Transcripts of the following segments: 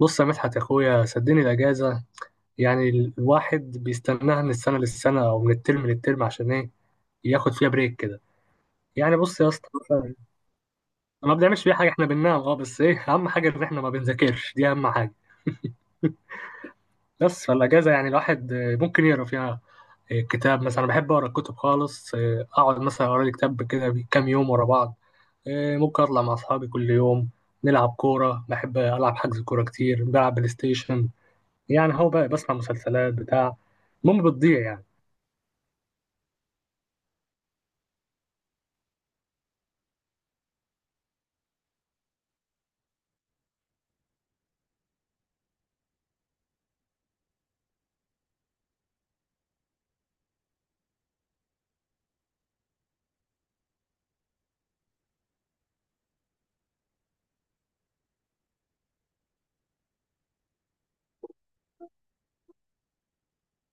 بص يا مدحت يا اخويا، صدقني الاجازه يعني الواحد بيستناها من السنه للسنه او من الترم للترم، عشان ايه؟ ياخد فيها بريك كده. يعني بص يا اسطى، أنا ما بنعملش فيها حاجه، احنا بننام اه، بس ايه اهم حاجه؟ ان احنا ما بنذاكرش، دي اهم حاجه. بس فالاجازه يعني الواحد ممكن يقرا فيها كتاب مثلا. أنا بحب اقرا الكتب خالص، اقعد مثلا اقرا لي كتاب كده كام يوم ورا بعض. ممكن اطلع مع اصحابي كل يوم، نلعب كوره، بحب العب حجز كوره كتير، بلعب بلاي ستيشن. يعني هو بقى بسمع مسلسلات بتاع، المهم بتضيع يعني.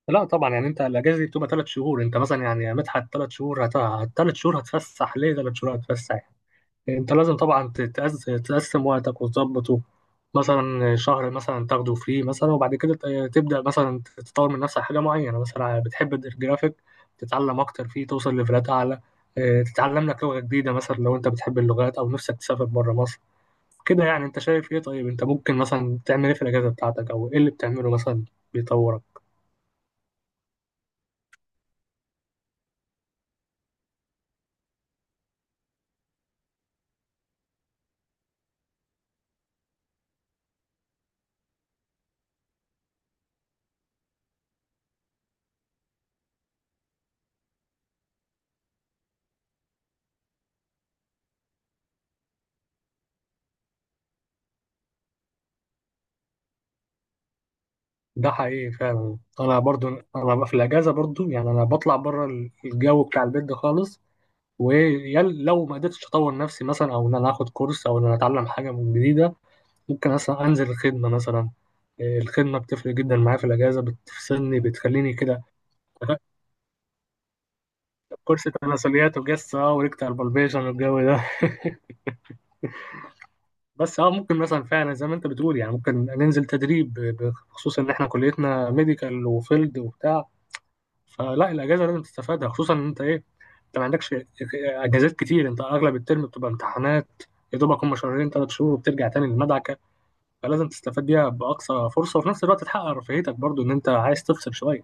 لا طبعا، يعني انت الاجازه دي بتبقى 3 شهور، انت مثلا يعني يا مدحت ثلاث شهور ثلاث شهور هتفسح ليه؟ ثلاث شهور هتفسح. يعني انت لازم طبعا تقسم وقتك وتظبطه. مثلا شهر مثلا تاخده فري مثلا، وبعد كده تبدأ مثلا تطور من نفسك حاجه معينه، مثلا بتحب الجرافيك. تتعلم اكتر فيه، توصل ليفلات اعلى. اه، تتعلم لك لغه جديده، مثلا لو انت بتحب اللغات او نفسك تسافر بره مصر. كده يعني انت شايف ايه؟ طيب انت ممكن مثلا تعمل ايه في الاجازه بتاعتك، او ايه اللي بتعمله مثلا بيطورك؟ ده حقيقي فعلا، انا برضو انا بقى في الاجازه برضو، يعني انا بطلع بره الجو بتاع البيت ده خالص. ولو ما قدرتش اطور نفسي مثلا، او ان انا اخد كورس، او ان انا اتعلم حاجه من جديده، ممكن مثلا انزل الخدمه مثلا. إيه، الخدمه بتفرق جدا معايا في الاجازه، بتفصلني بتخليني كده كورس تناسليات وجسه وريكت بالبيشن والجو ده. بس اه، ممكن مثلا فعلا زي ما انت بتقول، يعني ممكن ننزل تدريب بخصوص ان احنا كليتنا ميديكال وفيلد وبتاع. فلا الاجازه لازم تستفادها، خصوصا ان انت ايه، انت ما عندكش اجازات كتير، انت اغلب الترم بتبقى امتحانات، يا دوبك هم شهرين ثلاث شهور وبترجع تاني للمدعكه. فلازم تستفاد بيها باقصى فرصه، وفي نفس الوقت تحقق رفاهيتك برضو، ان انت عايز تفصل شويه.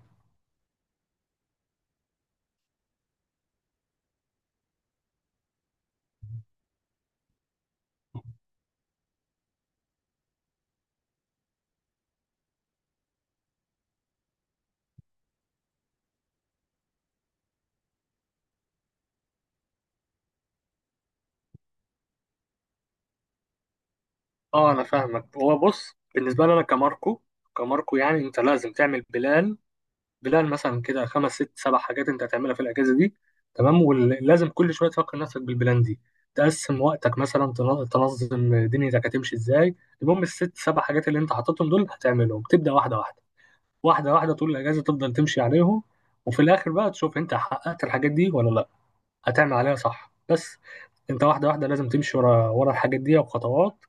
اه، انا فاهمك. هو بص، بالنسبه لي انا كماركو، كماركو يعني انت لازم تعمل بلان، بلان مثلا كده خمس ست سبع حاجات انت هتعملها في الاجازه دي. تمام، ولازم كل شويه تفكر نفسك بالبلان دي، تقسم وقتك مثلا، تنظم دنيتك هتمشي ازاي. المهم الست سبع حاجات اللي انت حاططهم دول هتعملهم، تبدا واحده واحده، واحده واحده طول الاجازه تفضل تمشي عليهم. وفي الاخر بقى تشوف انت حققت الحاجات دي ولا لا، هتعمل عليها صح بس انت واحده واحده لازم تمشي ورا ورا الحاجات دي وخطوات،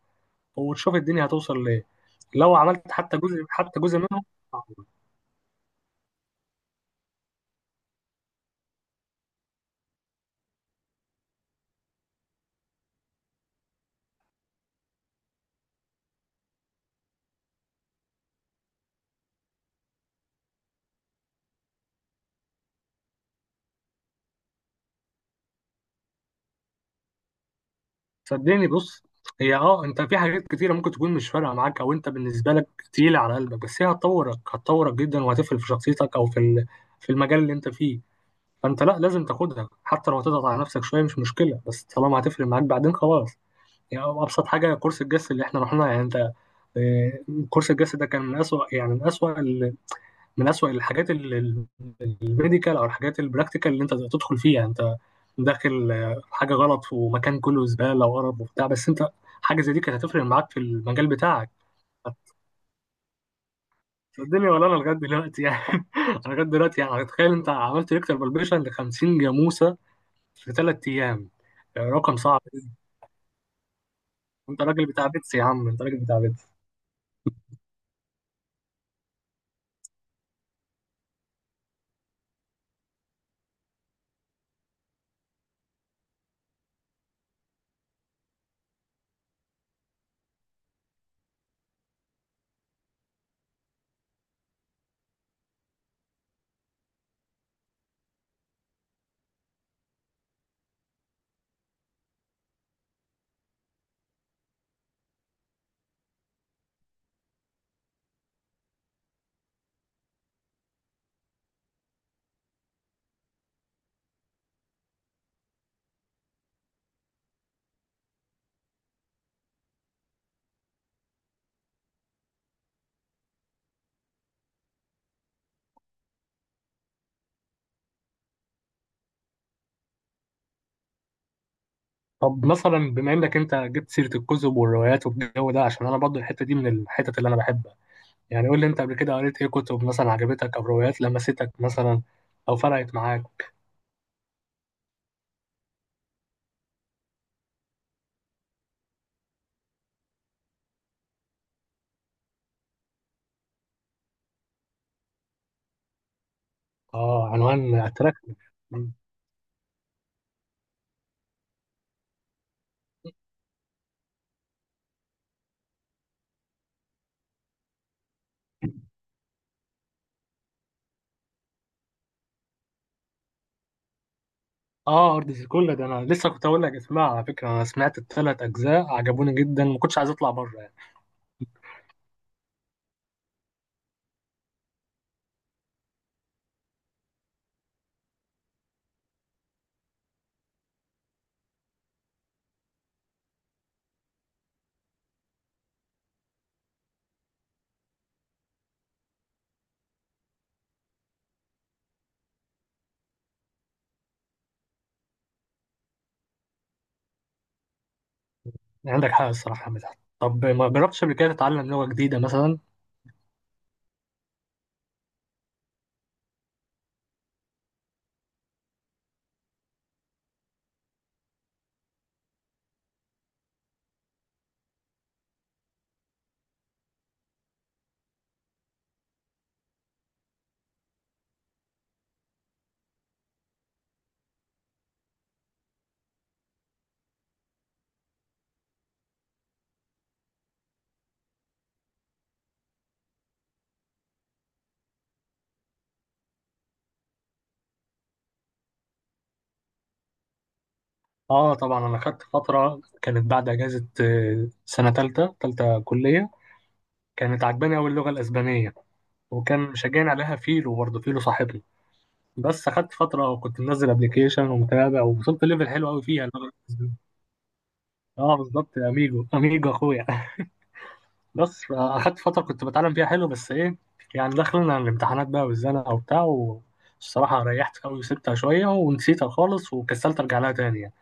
وتشوف الدنيا هتوصل لايه لو عملت حتى جزء حتى جزء منهم. آه. صدقني بص، هي انت في حاجات كتيره ممكن تكون مش فارقه معاك، او انت بالنسبه لك تقيله على قلبك، بس هي هتطورك، هتطورك جدا، وهتفرق في شخصيتك او في في المجال اللي انت فيه. فانت لا، لازم تاخدها حتى لو هتضغط على نفسك شويه، مش مشكله، بس طالما هتفرق معاك بعدين خلاص. يعني ابسط حاجه كورس الجس اللي احنا رحناه، يعني انت آه، كورس الجس ده كان من اسوأ، يعني من اسوأ، من أسوأ الحاجات الميديكال أو الحاجات البراكتيكال اللي أنت تدخل فيها، أنت داخل حاجة غلط، ومكان كله زبالة وقرف وبتاع، بس أنت حاجة زي دي كانت هتفرق معاك في المجال بتاعك. الدنيا ولا أنا لغاية دلوقتي يعني أنا لغاية دلوقتي يعني، تخيل أنت عملت ريكتر بالبيشن ل 50 جاموسة في 3 أيام. رقم صعب. انت راجل بتاع بيتس يا عم، انت راجل بتاع بيتس. طب مثلا بما انك انت جبت سيره الكتب والروايات والجو ده، عشان انا برضو الحته دي من الحتت اللي انا بحبها، يعني قول لي انت قبل كده قريت ايه كتب مثلا عجبتك، او روايات لمستك مثلا، او فرقت معاك. اه، عنوان اتراكتيف. اه، ارض زيكولا ده انا لسه كنت اقول لك اسمعها، على فكره انا سمعت الثلاث اجزاء عجبوني جدا، ما كنتش عايز اطلع بره يعني. يعني عندك حق الصراحه يا مدحت، طب ما جربتش قبل كده تتعلم لغه جديده مثلا؟ اه طبعا، انا خدت فتره كانت بعد اجازه سنه ثالثه ثالثه كليه. كانت عجباني قوي اللغه الاسبانيه، وكان مشجعني عليها فيلو، برضه فيلو صاحبنا. بس خدت فترة وكنت منزل ابلكيشن ومتابع، ووصلت ليفل حلو قوي فيها. اه بالظبط يا اميجو، اميجو اخويا بس اخدت فترة كنت بتعلم فيها حلو، بس ايه؟ يعني دخلنا الامتحانات بقى والزنقة وبتاع، والصراحة ريحت قوي وسبتها شوية، ونسيتها خالص وكسلت ارجع لها تاني يعني.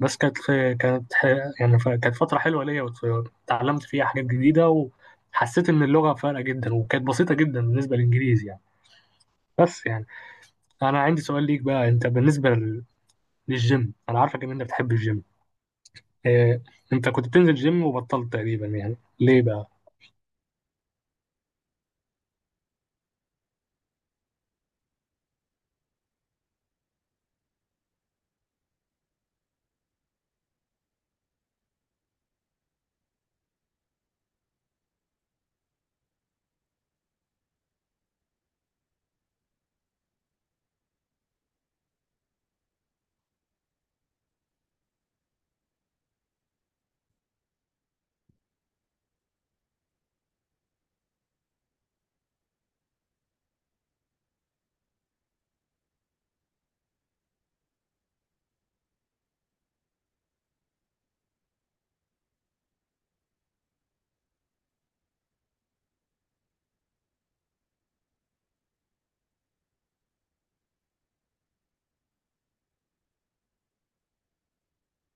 بس كانت، يعني كانت فترة حلوة ليا، واتعلمت فيها حاجات جديدة. وحسيت ان اللغة فارقة جدا، وكانت بسيطة جدا بالنسبة للانجليزي يعني، بس يعني انا عندي سؤال ليك بقى، انت بالنسبة للجيم انا عارفك ان انت بتحب الجيم. إيه، انت كنت بتنزل جيم وبطلت تقريبا، يعني ليه بقى؟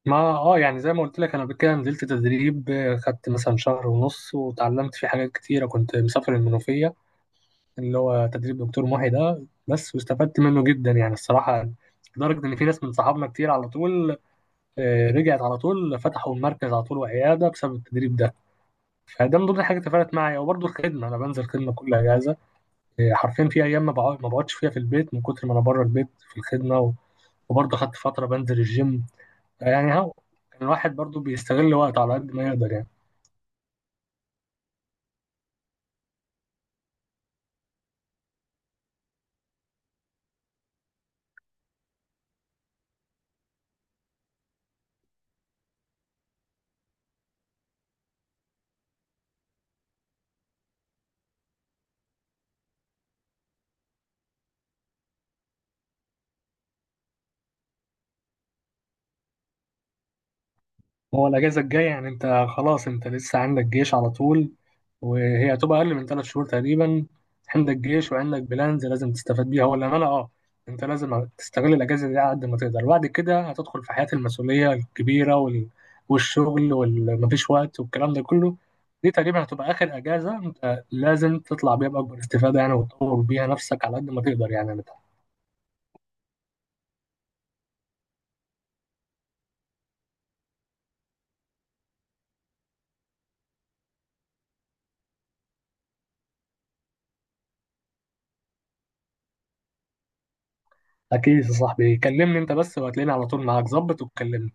ما اه، يعني زي ما قلت لك، انا قبل كده نزلت تدريب خدت مثلا شهر ونص وتعلمت فيه حاجات كتيره، كنت مسافر المنوفيه اللي هو تدريب دكتور محي ده بس، واستفدت منه جدا يعني الصراحه. لدرجه ان في ناس من صحابنا كتير على طول رجعت على طول فتحوا المركز على طول وعياده بسبب التدريب ده. فده من ضمن الحاجات اللي فرقت معايا، وبرضه الخدمه، انا بنزل خدمه كل اجازه. إيه، حرفيا في ايام ما بقعدش فيها في البيت من كتر ما انا بره البيت في الخدمه، وبرضه خدت فتره بنزل الجيم. يعني هو كان الواحد برضه بيستغل وقته على قد ما يقدر يعني. هو الأجازة الجاية يعني أنت خلاص أنت لسه عندك جيش على طول، وهي هتبقى أقل من 3 شهور تقريبا. عندك جيش وعندك بلانز لازم تستفاد بيها، ولا أنا؟ أه. أنت لازم تستغل الأجازة دي على قد ما تقدر، وبعد كده هتدخل في حياة المسؤولية الكبيرة والشغل ومفيش وقت والكلام ده كله. دي تقريبا هتبقى آخر أجازة، أنت لازم تطلع بيها بأكبر استفادة يعني، وتطور بيها نفسك على قد ما تقدر يعني. أكيد يا صاحبي، كلمني أنت بس وهتلاقيني على طول معاك ظبط وتكلمني.